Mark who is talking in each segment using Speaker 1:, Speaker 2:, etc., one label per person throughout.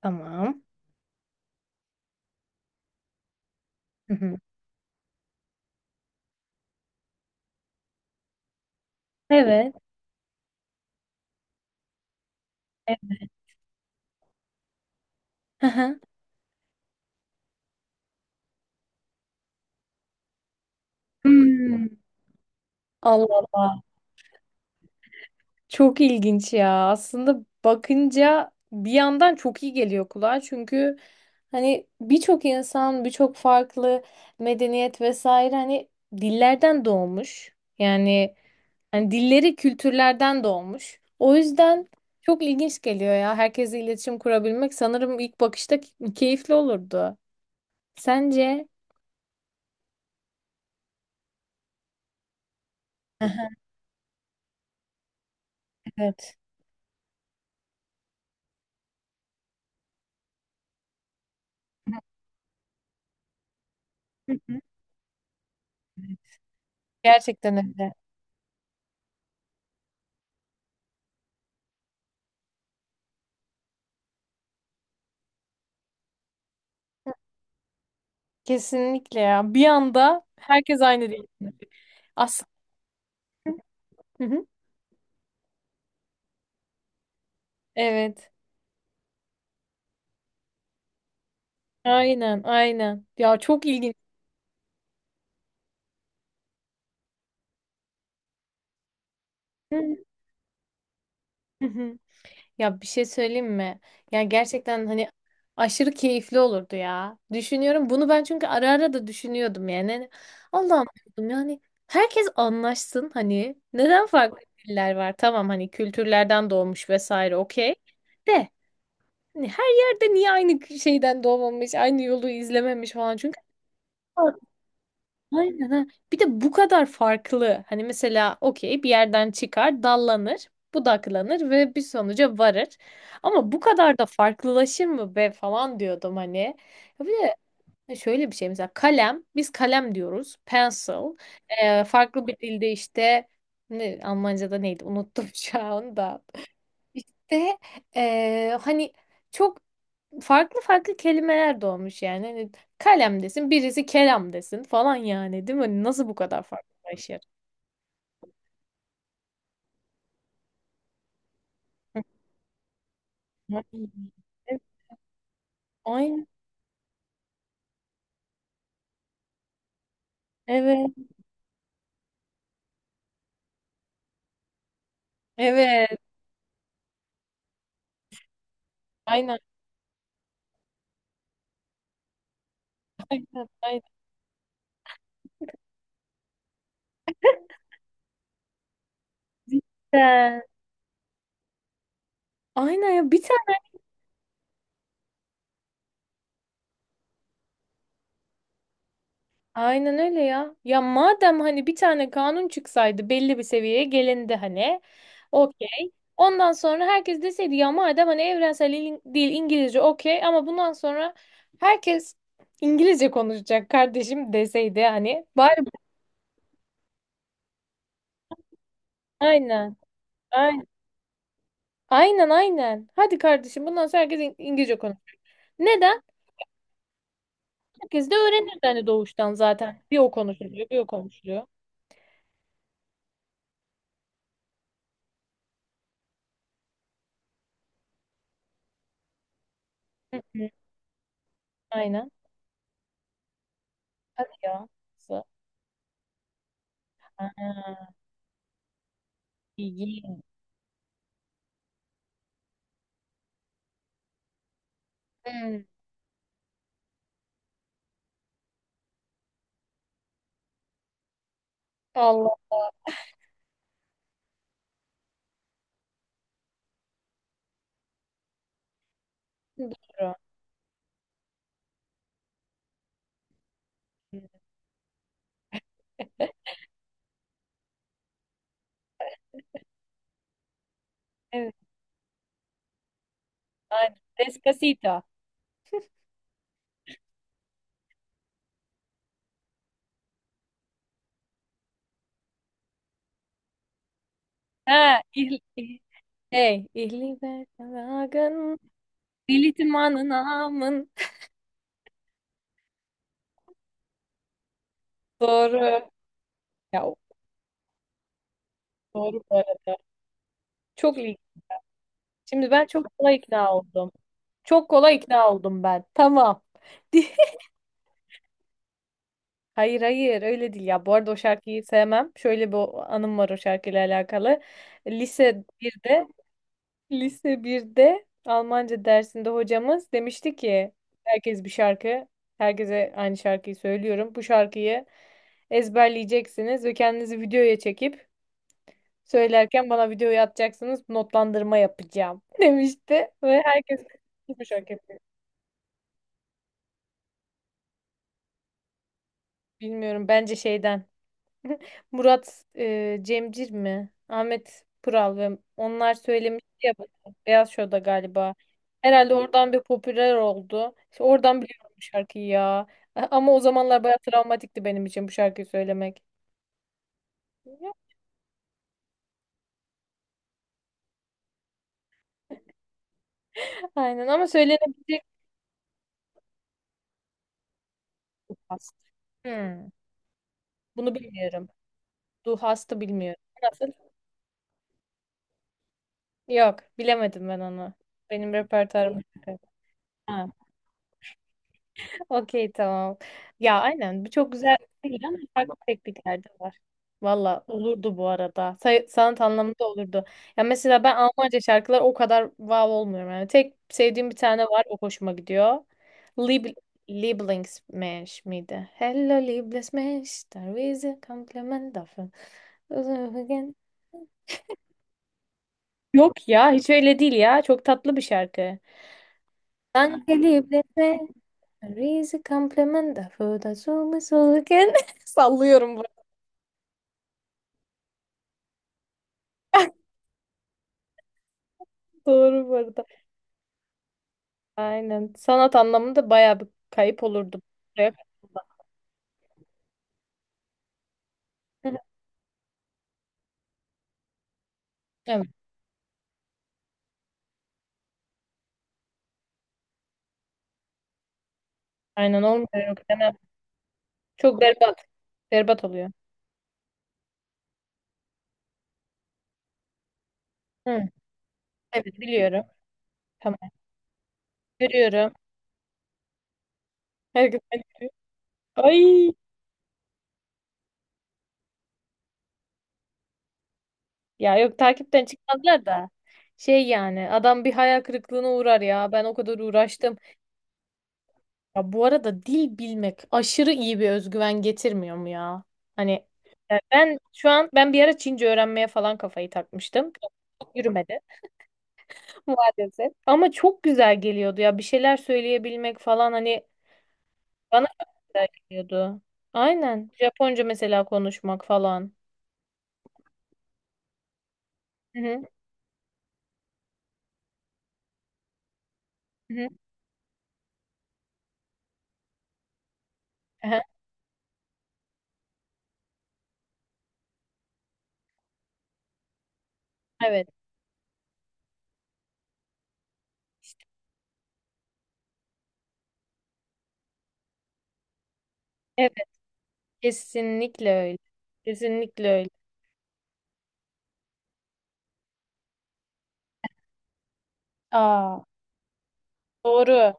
Speaker 1: Tamam. Hı hı. Evet. Evet. Hı hı. Hmm. Allah Allah. Çok ilginç ya. Aslında bakınca bir yandan çok iyi geliyor kulağa. Çünkü hani birçok insan, birçok farklı medeniyet vesaire hani dillerden doğmuş. Yani hani dilleri kültürlerden doğmuş. O yüzden çok ilginç geliyor ya. Herkesle iletişim kurabilmek sanırım ilk bakışta keyifli olurdu. Sence? Aha, evet. Hı hı. Gerçekten öyle. Kesinlikle ya. Bir anda herkes aynı değil. Aslında. Hı hı. Evet. Aynen, aynen. Ya çok ilginç. Hı hı, hı. Ya bir şey söyleyeyim mi? Ya gerçekten hani aşırı keyifli olurdu ya. Düşünüyorum. Bunu ben çünkü ara ara da düşünüyordum yani. Hani Allah'ım diyordum yani herkes anlaşsın hani. Neden farklı diller var? Tamam hani kültürlerden doğmuş vesaire okey. De hani her yerde niye aynı şeyden doğmamış, aynı yolu izlememiş falan. Çünkü aynen ha. Bir de bu kadar farklı. Hani mesela okey bir yerden çıkar, dallanır, budaklanır ve bir sonuca varır. Ama bu kadar da farklılaşır mı be falan diyordum hani. Ya bir de şöyle bir şey mesela kalem, biz kalem diyoruz. Pencil. Farklı bir dilde işte ne, Almanca'da neydi unuttum şu anda. İşte hani çok farklı farklı kelimeler doğmuş yani. Hani kalem desin, birisi kelam desin falan yani değil mi? Hani nasıl bu kadar farklılaşır? Ay, evet, aynen. Evet. Evet. Aynen, evet, aynen. Cidden. Aynen ya bir tane. Aynen öyle ya. Ya madem hani bir tane kanun çıksaydı belli bir seviyeye gelindi hani. Okey. Ondan sonra herkes deseydi ya madem hani evrensel dil İngilizce okey ama bundan sonra herkes İngilizce konuşacak kardeşim deseydi hani. Bari aynen. Aynen, aynen, aynen. Hadi kardeşim bundan sonra herkes İngilizce konuşacak. Neden? Herkes de öğrenirdi hani doğuştan zaten. Bir o konuşuluyor, bir o konuşuluyor. Hı hı, aynen. Hadi ya. Aa. İyi. Hmm. Allah doğru. Evet. Aynen. Despacito. Ha, il, il, hey, ihliber kanagın, dilitimanın amın. Doğru. Ya, o- doğru bu arada. Çok iyi. Şimdi ben çok kolay ikna oldum. Çok kolay ikna oldum ben. Tamam. Hayır hayır öyle değil ya. Bu arada o şarkıyı sevmem. Şöyle bir anım var o şarkıyla alakalı. Lise birde. Lise birde Almanca dersinde hocamız demişti ki herkes bir şarkı, herkese aynı şarkıyı söylüyorum. Bu şarkıyı ezberleyeceksiniz ve kendinizi videoya çekip söylerken bana videoyu atacaksınız. Notlandırma yapacağım demişti ve herkes bu şarkı yapıyor. Bilmiyorum bence şeyden Murat Cemcir mi? Ahmet Kural ve onlar söylemişti ya Beyaz Show'da galiba. Herhalde oradan bir popüler oldu. İşte oradan biliyorum bu şarkıyı ya. A- ama o zamanlar bayağı travmatikti benim için bu şarkıyı söylemek. Aynen ama söylenebilecek bir hasta. Hmm, bunu bilmiyorum. Du hastı bilmiyorum. Nasıl? Yok, bilemedim ben onu. Benim repertuarım. Ha. Okey tamam. Ya aynen bu çok güzel değil ama farklı teknikler de var. Valla olurdu bu arada. Say- sanat anlamında olurdu. Ya mesela ben Almanca şarkılar o kadar wow olmuyorum. Yani tek sevdiğim bir tane var o hoşuma gidiyor. Lieb Lieblingsmensch miydi? Hello Lieblingsmensch, der Wiese Kompliment dafür. Yok ya hiç öyle değil ya. Çok tatlı bir şarkı. Danke Lieblingsmensch. Reis complementa foda sulu suluken. Sallıyorum bu arada. Doğru bu arada. Aynen. Sanat anlamında bayağı bir kayıp olurdu. Buraya kadar. Hı. Evet. Aynen olmuyor. Yok demem. Çok berbat. Berbat oluyor. Hı. Evet biliyorum. Tamam. Görüyorum. Her gün. Ay. Ya yok takipten çıkmazlar da. Şey yani adam bir hayal kırıklığına uğrar ya. Ben o kadar uğraştım. Ya bu arada dil bilmek aşırı iyi bir özgüven getirmiyor mu ya? Hani ben şu an ben bir ara Çince öğrenmeye falan kafayı takmıştım. Çok yürümedi maalesef. Ama çok güzel geliyordu ya bir şeyler söyleyebilmek falan hani bana çok güzel geliyordu. Aynen. Japonca mesela konuşmak falan. Hı hı, hı hı. Aha, evet. Evet, kesinlikle öyle. Kesinlikle öyle. Aa, doğru.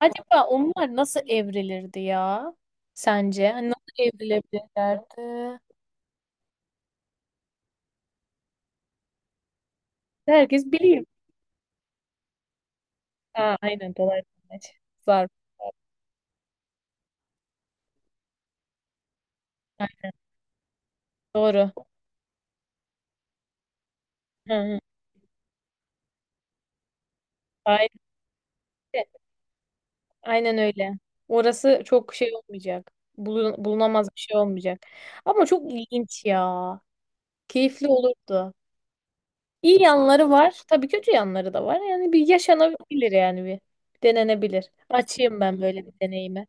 Speaker 1: Acaba onlar nasıl evrilirdi ya? Sence? Hani nasıl evrilebilirlerdi? Herkes biliyor. Ha, aynen dolaylı zarf. Ha, doğru. Hı hı. Aynen. Aynen öyle. Orası çok şey olmayacak. Bulun- bulunamaz bir şey olmayacak. Ama çok ilginç ya. Keyifli olurdu. İyi yanları var. Tabii kötü yanları da var. Yani bir yaşanabilir yani bir. Denenebilir. Açayım ben böyle bir deneyime.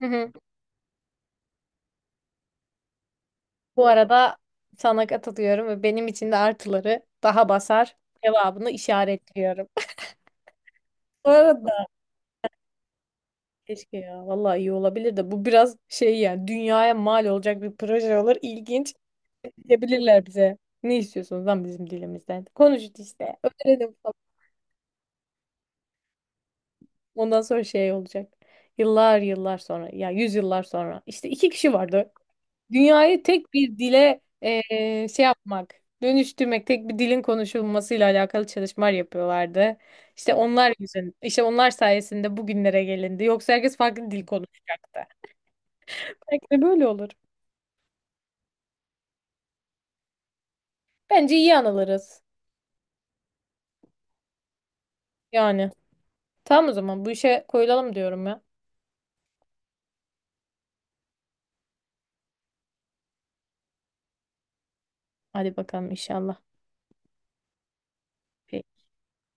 Speaker 1: Bu arada sana katılıyorum ve benim için de artıları daha basar cevabını işaretliyorum. Bu arada keşke ya vallahi iyi olabilir de bu biraz şey yani dünyaya mal olacak bir proje olur. İlginç diyebilirler bize. Ne istiyorsunuz lan bizim dilimizden? Konuşun işte. Öğrenin. Ondan sonra şey olacak. Yıllar yıllar sonra ya yüzyıllar sonra işte iki kişi vardı. Dünyayı tek bir dile şey yapmak, dönüştürmek, tek bir dilin konuşulmasıyla alakalı çalışmalar yapıyorlardı. İşte onlar yüzün, işte onlar sayesinde bugünlere gelindi. Yoksa herkes farklı dil konuşacaktı. Belki de böyle olur. Bence iyi anılırız. Yani. Tamam o zaman bu işe koyulalım diyorum ya. Hadi bakalım inşallah.